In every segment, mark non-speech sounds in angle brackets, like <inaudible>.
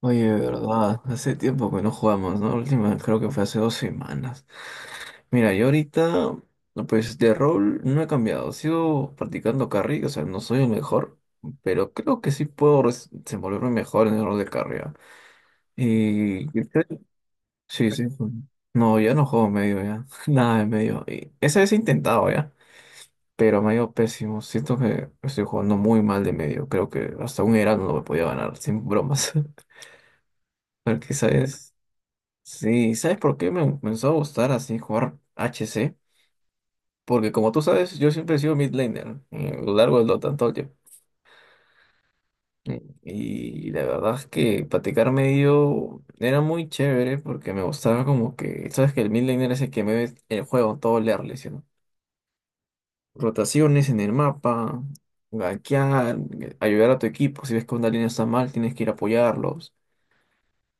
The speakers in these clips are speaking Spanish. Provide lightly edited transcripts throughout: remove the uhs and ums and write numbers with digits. Oye, de verdad, hace tiempo que no jugamos, ¿no? La última creo que fue hace 2 semanas. Mira, yo ahorita, pues de rol no he cambiado, sigo practicando carry, o sea, no soy el mejor, pero creo que sí puedo desenvolverme mejor en el rol de carry. ¿Ah? Y y creo- sí, sí. Pues, no, ya no juego medio, ya. <laughs> Nada de medio. Y esa vez he intentado, ya, pero me ha ido pésimo. Siento que estoy jugando muy mal de medio. Creo que hasta un Heraldo no me podía ganar, sin bromas. <laughs> Porque, ¿sabes? Sí, ¿sabes por qué me empezó a gustar así jugar HC? Porque como tú sabes, yo siempre he sido mid laner, a lo largo de lo tanto yo. Y la verdad es que platicar medio era muy chévere porque me gustaba como que, sabes que el mid laner es el que me ve el juego todo leerle, ¿sí no? Rotaciones en el mapa, gankear, ayudar a tu equipo, si ves que una línea está mal, tienes que ir a apoyarlos.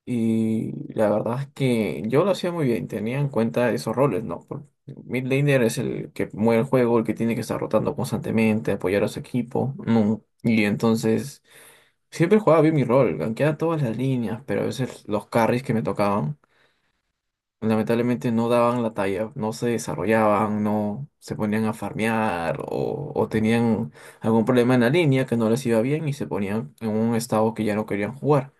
Y la verdad es que yo lo hacía muy bien, tenía en cuenta esos roles, ¿no? Mid laner es el que mueve el juego, el que tiene que estar rotando constantemente, apoyar a su equipo, ¿no? Y entonces siempre jugaba bien mi rol, ganqueaba todas las líneas, pero a veces los carries que me tocaban lamentablemente no daban la talla, no se desarrollaban, no se ponían a farmear, o tenían algún problema en la línea que no les iba bien y se ponían en un estado que ya no querían jugar.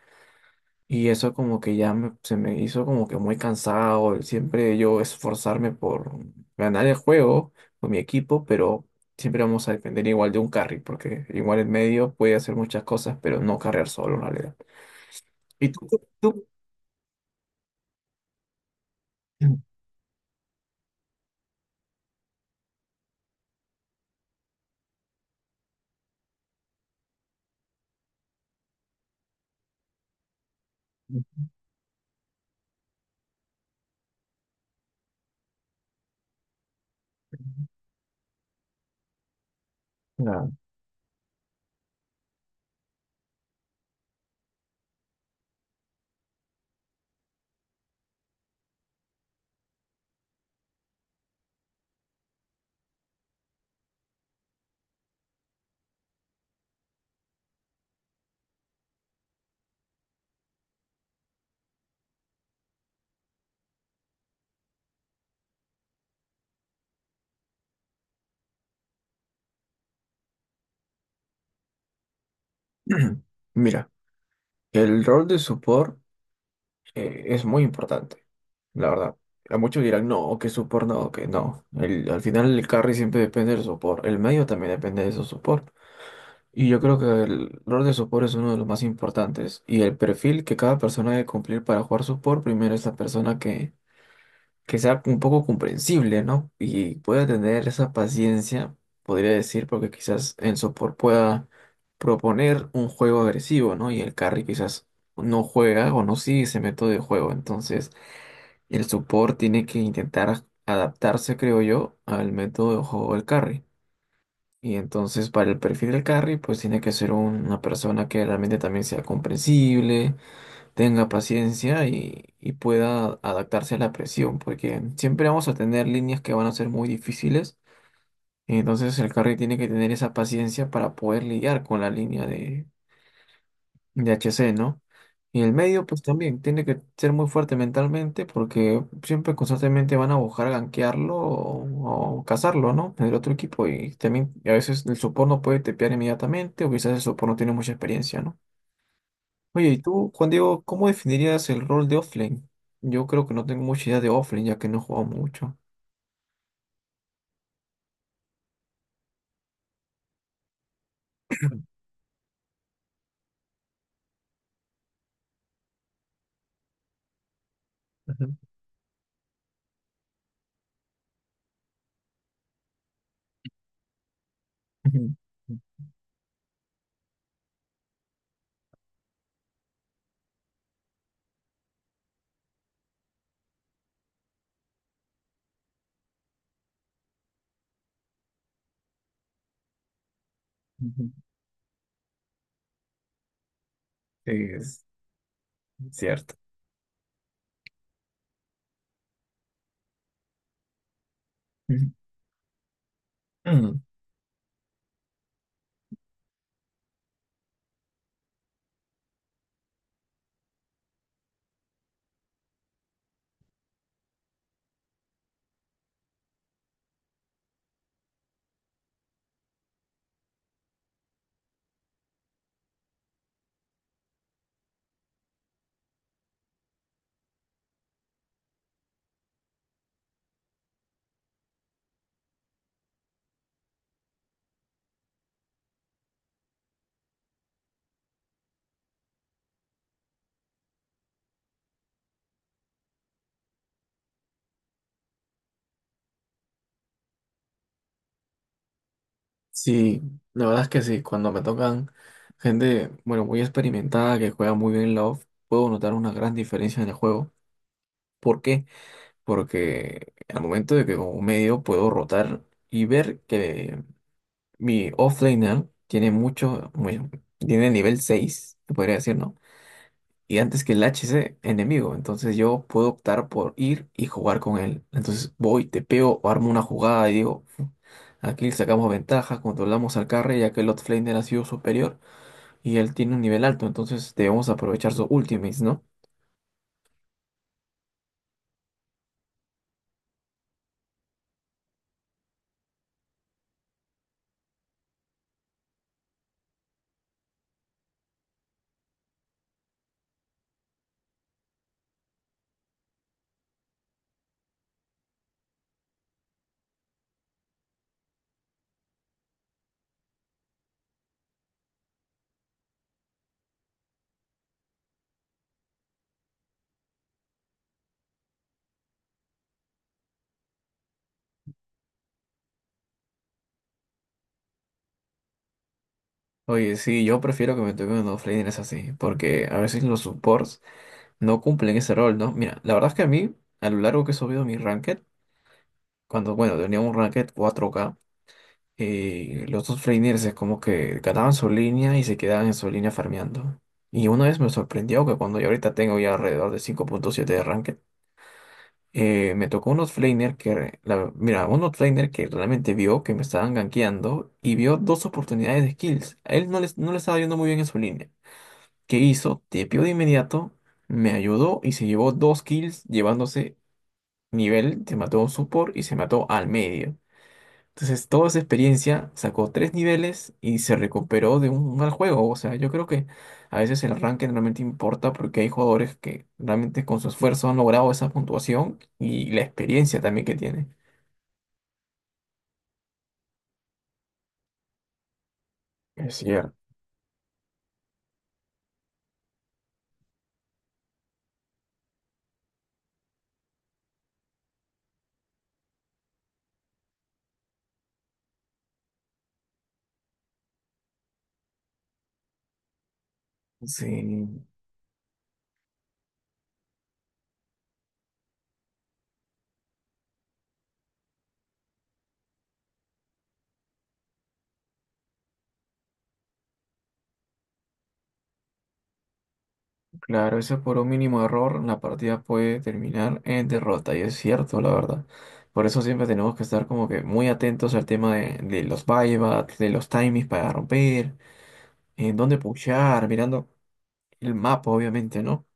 Y eso como que ya se me hizo como que muy cansado, el siempre yo esforzarme por ganar el juego con mi equipo, pero siempre vamos a depender igual de un carry, porque igual el medio puede hacer muchas cosas, pero no carrear solo en realidad. Y tú, tú- Ah. <clears throat> Mira, el rol de support, es muy importante, la verdad. A muchos dirán, no, que support no, que no. El- al final el carry siempre depende del support, el medio también depende de su support. Y yo creo que el rol de support es uno de los más importantes. Y el perfil que cada persona debe cumplir para jugar support, primero es la persona que sea un poco comprensible, ¿no? Y pueda tener esa paciencia, podría decir, porque quizás el support pueda proponer un juego agresivo, ¿no? Y el carry quizás no juega o no sigue ese método de juego. Entonces, el support tiene que intentar adaptarse, creo yo, al método de juego del carry. Y entonces para el perfil del carry, pues tiene que ser un- una persona que realmente también sea comprensible, tenga paciencia y pueda adaptarse a la presión, porque siempre vamos a tener líneas que van a ser muy difíciles. Y entonces el carry tiene que tener esa paciencia para poder lidiar con la línea de HC, ¿no? Y el medio, pues también tiene que ser muy fuerte mentalmente porque siempre constantemente van a buscar gankearlo o cazarlo, ¿no? En el otro equipo. Y también a veces el support no puede tepear inmediatamente o quizás el support no tiene mucha experiencia, ¿no? Oye, ¿y tú, Juan Diego, cómo definirías el rol de offlane? Yo creo que no tengo mucha idea de offlane ya que no he jugado mucho. Ujú. Ujú, ujú, ujú. Es cierto. Ujú. <clears throat> Sí, la verdad es que sí, cuando me tocan gente, bueno, muy experimentada que juega muy bien Love, puedo notar una gran diferencia en el juego. ¿Por qué? Porque al momento de que como medio puedo rotar y ver que mi offlaner tiene mucho, bueno, tiene nivel 6, se podría decir, ¿no? Y antes que el HC enemigo, entonces yo puedo optar por ir y jugar con él. Entonces voy, tepeo o armo una jugada y digo... Aquí sacamos ventaja, controlamos al carry ya que el offlaner ha sido superior y él tiene un nivel alto, entonces debemos aprovechar sus ultimates, ¿no? Oye, sí, yo prefiero que me toquen los laners así, porque a veces los supports no cumplen ese rol, ¿no? Mira, la verdad es que a mí, a lo largo que he subido mi ranked, cuando, bueno, tenía un ranked 4K, los dos laners es como que ganaban su línea y se quedaban en su línea farmeando. Y una vez me sorprendió que cuando yo ahorita tengo ya alrededor de 5.7 de ranked, me tocó unos flaner que, mira, unos flaner que realmente vio que me estaban gankeando y vio dos oportunidades de kills. A él no le estaba yendo muy bien en su línea. ¿Qué hizo? Tepeó de inmediato, me ayudó y se llevó dos kills, llevándose nivel, se mató a un support y se mató al medio. Entonces, toda esa experiencia sacó tres niveles y se recuperó de un mal juego. O sea, yo creo que a veces el ranking realmente importa porque hay jugadores que realmente con su esfuerzo han logrado esa puntuación y la experiencia también que tienen. Es cierto. Sí, claro, eso por un mínimo error la partida puede terminar en derrota y es cierto, la verdad. Por eso siempre tenemos que estar como que muy atentos al tema de los buybacks, de los timings para romper, en dónde pushar, mirando el mapa, obviamente, ¿no?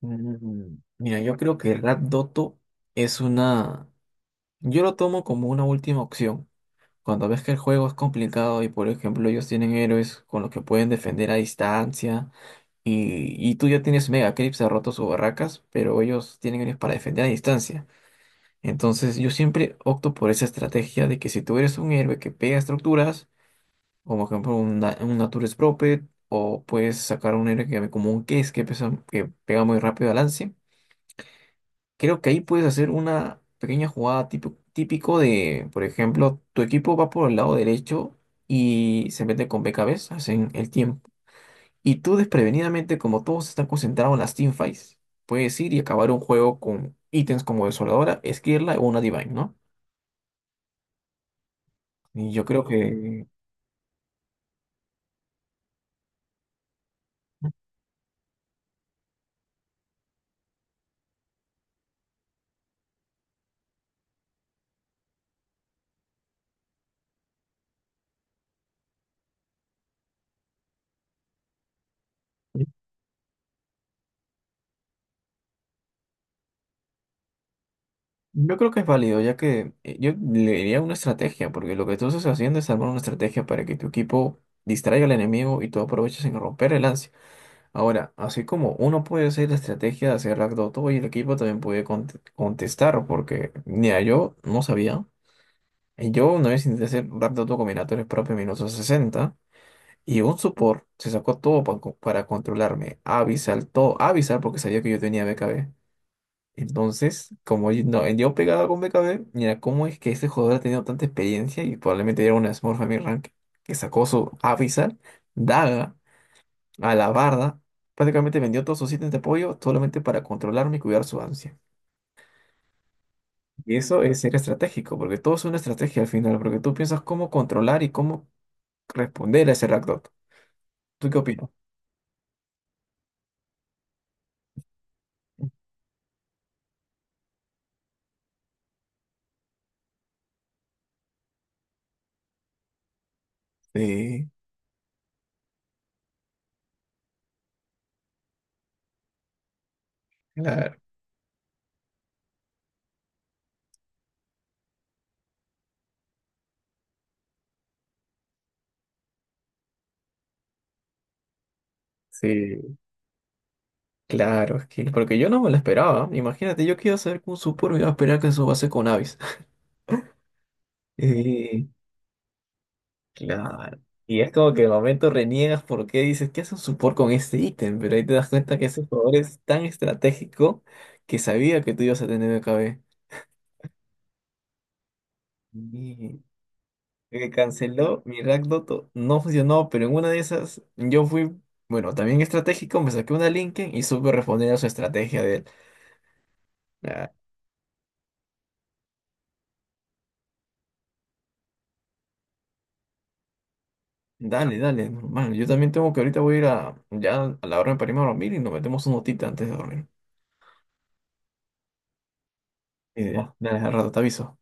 Mira, yo creo que Rap Doto es una... Yo lo tomo como una última opción. Cuando ves que el juego es complicado y, por ejemplo, ellos tienen héroes con los que pueden defender a distancia y tú ya tienes Mega Creeps, ha roto sus barracas, pero ellos tienen héroes para defender a distancia. Entonces yo siempre opto por esa estrategia de que si tú eres un héroe que pega estructuras, como por ejemplo un, un Nature Prophet, o puedes sacar un héroe que, como un Case que pega muy rápido al lance. Creo que ahí puedes hacer una pequeña jugada típico, típico de, por ejemplo, tu equipo va por el lado derecho y se mete con BKBs, hacen el tiempo. Y tú desprevenidamente, como todos están concentrados en las teamfights, puedes ir y acabar un juego con ítems como Desoladora, Esquirla o una Divine, ¿no? Y yo creo que, yo creo que es válido, ya que, yo le diría una estrategia, porque lo que tú estás haciendo es armar una estrategia para que tu equipo distraiga al enemigo y tú aproveches en romper el lance. Ahora, así como uno puede hacer la estrategia de hacer ragdoll todo y el equipo también puede contestar, porque mira, yo no sabía. Y yo una vez intenté hacer ragdoll combinatorios propios en minutos 60 y un support se sacó todo para controlarme. Avisal, todo, avisar porque sabía que yo tenía BKB. Entonces, como yo, no, yo pegaba con BKB, mira, ¿cómo es que este jugador ha tenido tanta experiencia y probablemente era una Smurf a mi rank que sacó su avisar, daga? A la barda, prácticamente vendió todos sus ítems de apoyo solamente para controlarme y cuidar su ansia. Y eso es ser estratégico, porque todo es una estrategia al final, porque tú piensas cómo controlar y cómo responder a ese Rakdos. ¿Tú qué opinas? Sí, claro. Sí, claro, es que porque yo no me lo esperaba. Imagínate, yo qué iba a hacer con Supor, iba a esperar que su base con Avis. <laughs> Eh, Claro. Y es como que de momento reniegas porque dices, ¿qué hace un support con este ítem? Pero ahí te das cuenta que ese jugador es tan estratégico que sabía que tú ibas a tener BKB. Y canceló mi Rakdoto, no funcionó, pero en una de esas yo fui, bueno, también estratégico, me saqué una Linken y supe responder a su estrategia de, él. ah, Dale, dale, normal, yo también tengo que ahorita voy a ir a, ya a la hora de parirme a dormir y nos metemos un notita antes de dormir. Y ya, dale, al rato te aviso.